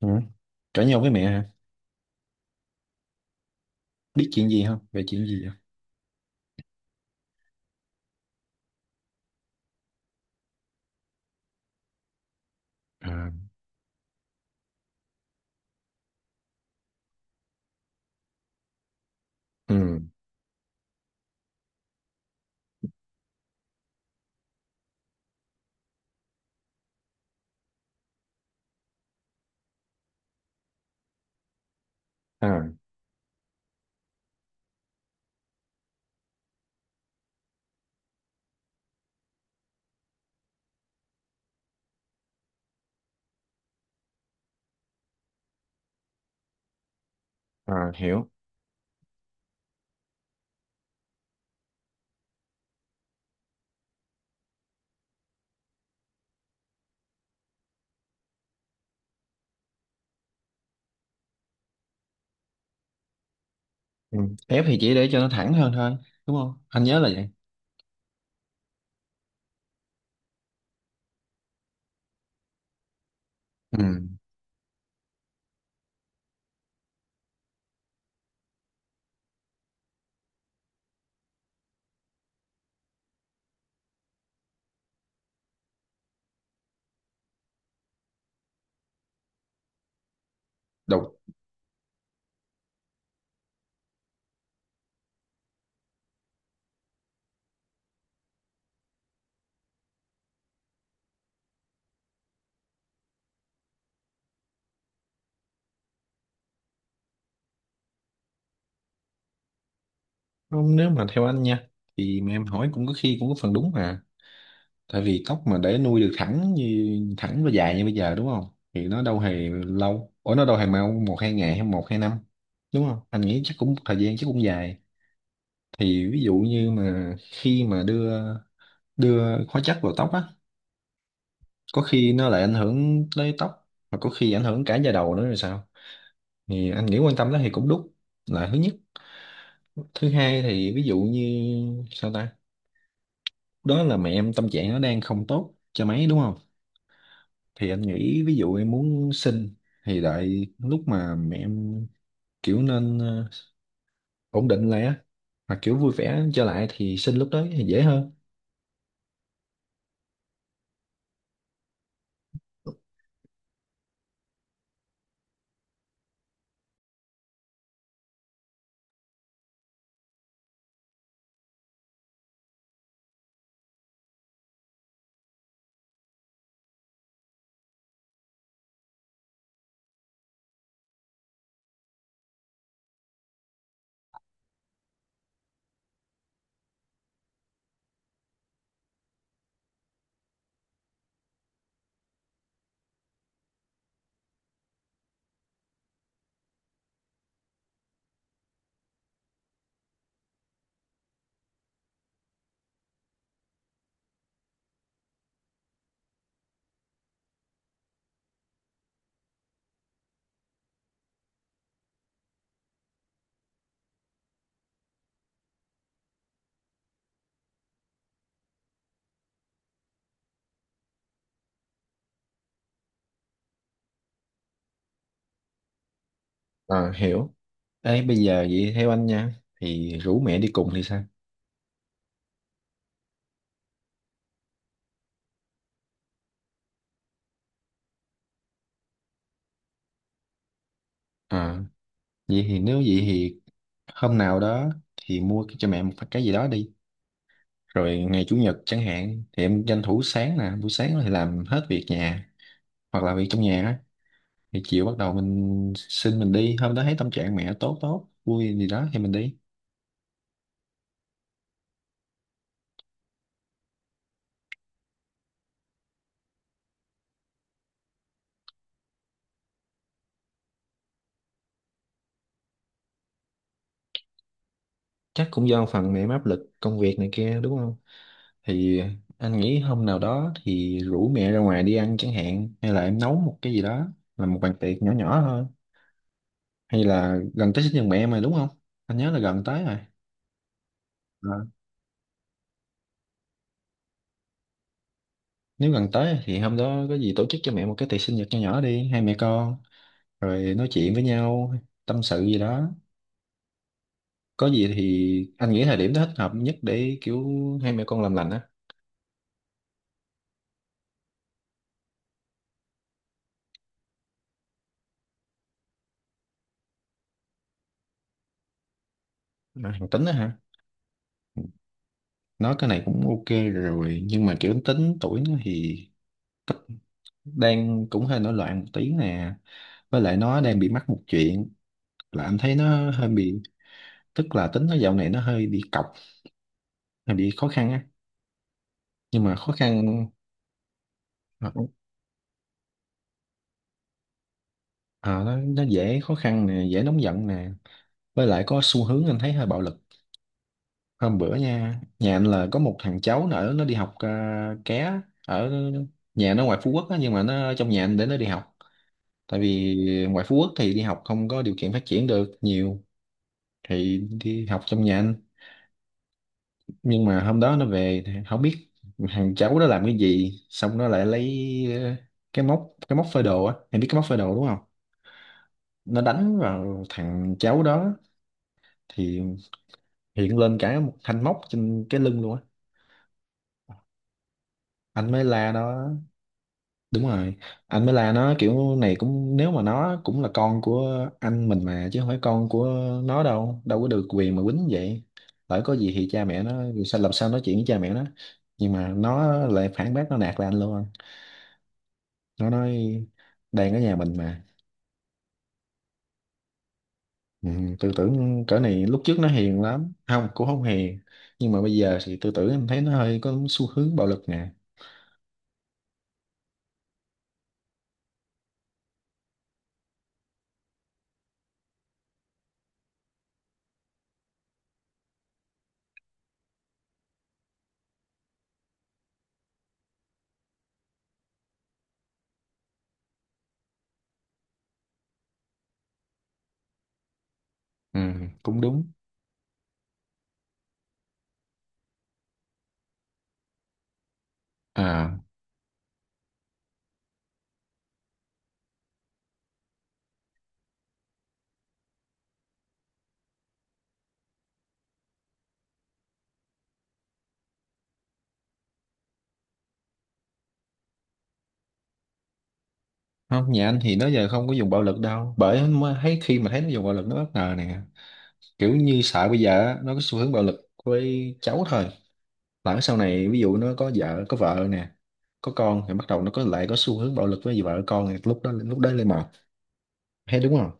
Ừ. Cãi nhau với mẹ hả? Biết chuyện gì không? Về chuyện gì không? À, ừ, à, à, hiểu. Ừ. Ép thì chỉ để cho nó thẳng hơn thôi, đúng không? Anh nhớ là vậy. Ừ. Đầu, không, nếu mà theo anh nha, thì mà em hỏi cũng có khi cũng có phần đúng mà. Tại vì tóc mà để nuôi được thẳng như thẳng và dài như bây giờ đúng không? Thì nó đâu hề lâu. Ủa nó đâu hề mau một hai ngày hay một hai năm, đúng không? Anh nghĩ chắc cũng thời gian chắc cũng dài. Thì ví dụ như mà khi mà đưa đưa hóa chất vào tóc á, có khi nó lại ảnh hưởng tới tóc và có khi ảnh hưởng cả da đầu nữa rồi sao, thì anh nghĩ quan tâm đó thì cũng đúng, là thứ nhất. Thứ hai thì ví dụ như sao ta, đó là mẹ em tâm trạng nó đang không tốt cho mấy đúng không, thì anh nghĩ ví dụ em muốn sinh thì đợi lúc mà mẹ em kiểu nên ổn định lại á, hoặc kiểu vui vẻ trở lại thì sinh lúc đó thì dễ hơn. À, hiểu. Ê bây giờ vậy theo anh nha, thì rủ mẹ đi cùng thì sao? À, vậy thì nếu vậy thì hôm nào đó thì mua cho mẹ một cái gì đó đi, rồi ngày chủ nhật chẳng hạn thì em tranh thủ sáng nè, buổi sáng thì làm hết việc nhà, hoặc là việc trong nhà á. Thì chiều bắt đầu mình xin mình đi, hôm đó thấy tâm trạng mẹ tốt tốt vui gì đó thì mình đi. Chắc cũng do phần mẹ em áp lực công việc này kia đúng không, thì anh nghĩ hôm nào đó thì rủ mẹ ra ngoài đi ăn chẳng hạn, hay là em nấu một cái gì đó, làm một bàn tiệc nhỏ nhỏ thôi, hay là gần tới sinh nhật mẹ mà đúng không? Anh nhớ là gần tới rồi. Nếu gần tới thì hôm đó có gì tổ chức cho mẹ một cái tiệc sinh nhật nho nhỏ đi, hai mẹ con rồi nói chuyện với nhau, tâm sự gì đó. Có gì thì anh nghĩ thời điểm đó thích hợp nhất để kiểu hai mẹ con làm lành á. Mà thằng Tính á hả, nói cái này cũng ok rồi, nhưng mà kiểu Tính tuổi nó thì đang cũng hơi nổi loạn một tí nè, với lại nó đang bị mắc một chuyện là anh thấy nó hơi bị, tức là Tính nó dạo này nó hơi bị cọc, hơi bị khó khăn á, nhưng mà khó khăn. Ờ, nó dễ khó khăn nè, dễ nóng giận nè, với lại có xu hướng anh thấy hơi bạo lực. Hôm bữa nha, nhà anh là có một thằng cháu nó ở nó đi học ké ở nhà nó ngoài Phú Quốc á, nhưng mà nó ở trong nhà anh để nó đi học, tại vì ngoài Phú Quốc thì đi học không có điều kiện phát triển được nhiều, thì đi học trong nhà anh. Nhưng mà hôm đó nó về thì không biết thằng cháu đó làm cái gì, xong nó lại lấy ờ, cái móc, cái móc phơi đồ á, em biết cái móc phơi đồ đúng không, nó đánh vào thằng cháu đó, thì hiện lên cả một thanh móc trên cái lưng luôn á. Anh mới la nó. Đúng rồi, anh mới la nó kiểu này cũng nếu mà nó cũng là con của anh mình mà chứ không phải con của, nó đâu đâu có được quyền mà quýnh vậy, lỡ có gì thì cha mẹ nó sao, làm sao nói chuyện với cha mẹ nó. Nhưng mà nó lại phản bác, nó nạt lên anh luôn. Nó nói đang ở nhà mình mà. Ừ, tư tưởng cỡ này, lúc trước nó hiền lắm, không cũng không hiền, nhưng mà bây giờ thì tư tưởng em thấy nó hơi có xu hướng bạo lực nè. Ừ, cũng đúng. À, không, nhà anh thì nó giờ không có dùng bạo lực đâu, bởi mới thấy khi mà thấy nó dùng bạo lực nó bất ngờ nè, kiểu như sợ bây giờ á, nó có xu hướng bạo lực với cháu thôi, lỡ sau này ví dụ nó có vợ, có vợ nè, có con, thì bắt đầu nó có lại có xu hướng bạo lực với vợ con, thì lúc đó lên mà thấy đúng không.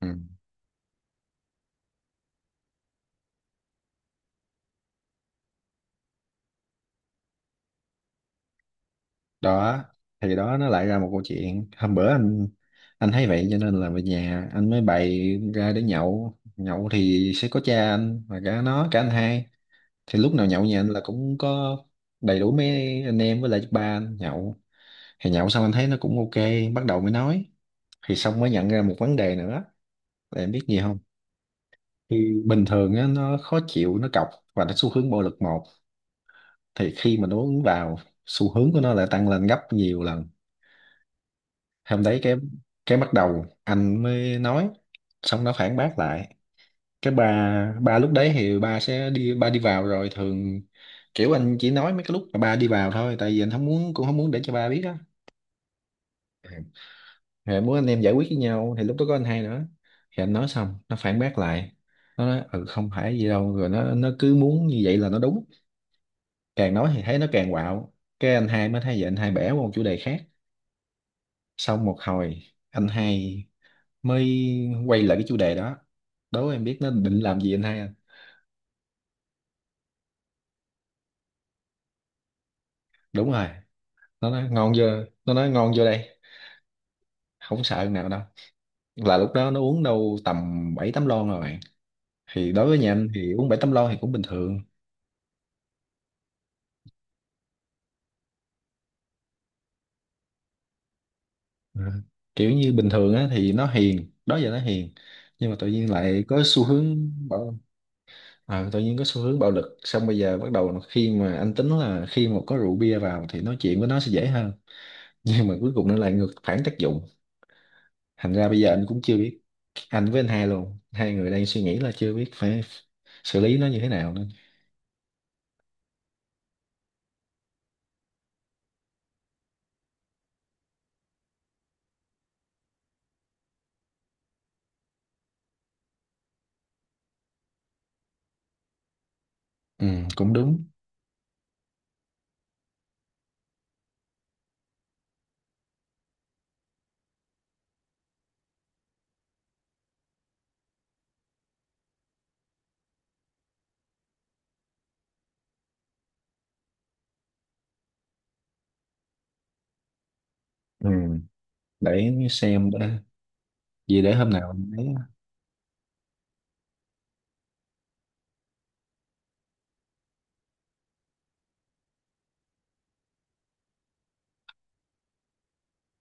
Ừ. Đó, thì đó nó lại ra một câu chuyện. Hôm bữa anh thấy vậy cho nên là về nhà anh mới bày ra để nhậu, nhậu thì sẽ có cha anh và cả nó, cả anh hai. Thì lúc nào nhậu nhà anh là cũng có đầy đủ mấy anh em với lại ba anh nhậu. Thì nhậu xong anh thấy nó cũng ok, bắt đầu mới nói, thì xong mới nhận ra một vấn đề nữa, là em biết gì không. Thì bình thường á, nó khó chịu, nó cọc và nó xu hướng bạo lực một, thì khi mà nó uống vào xu hướng của nó lại tăng lên gấp nhiều lần. Hôm đấy cái bắt đầu anh mới nói, xong nó phản bác lại. Cái bà lúc đấy thì bà sẽ đi, ba đi vào rồi thường, kiểu anh chỉ nói mấy cái lúc mà ba đi vào thôi, tại vì anh không muốn, cũng không muốn để cho ba biết á. Ừ. Thì anh muốn anh em giải quyết với nhau, thì lúc đó có anh hai nữa. Thì anh nói xong nó phản bác lại, nó nói ừ không phải gì đâu, rồi nó cứ muốn như vậy là nó đúng, càng nói thì thấy nó càng quạo. Cái anh hai mới thấy vậy, anh hai bẻ qua một chủ đề khác, xong một hồi anh hai mới quay lại cái chủ đề đó. Đố em biết nó định làm gì anh hai anh? Đúng rồi, nó nói ngon chưa, nó nói ngon vô đây không sợ nào đâu. Là lúc đó nó uống đâu tầm 7 8 lon rồi bạn, thì đối với nhà anh thì uống 7 8 lon thì cũng bình thường. Ừ. Kiểu như bình thường á thì nó hiền, đó giờ nó hiền, nhưng mà tự nhiên lại có xu hướng bạo. À, tự nhiên có xu hướng bạo lực, xong bây giờ bắt đầu khi mà anh tính là khi mà có rượu bia vào thì nói chuyện với nó sẽ dễ hơn, nhưng mà cuối cùng nó lại ngược phản tác dụng, thành ra bây giờ anh cũng chưa biết, anh với anh hai luôn, hai người đang suy nghĩ là chưa biết phải xử lý nó như thế nào nữa. Ừ, cũng đúng. Ừ, để xem đã, gì để hôm nào mình lấy.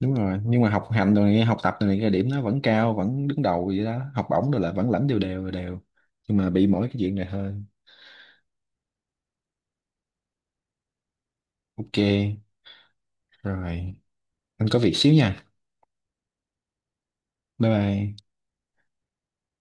Đúng rồi, nhưng mà học hành rồi này, học tập rồi này, cái điểm nó vẫn cao, vẫn đứng đầu vậy đó, học bổng rồi là vẫn lãnh đều đều đều. Nhưng mà bị mỗi cái chuyện này thôi. Ok, rồi, anh có việc xíu nha. Bye bye.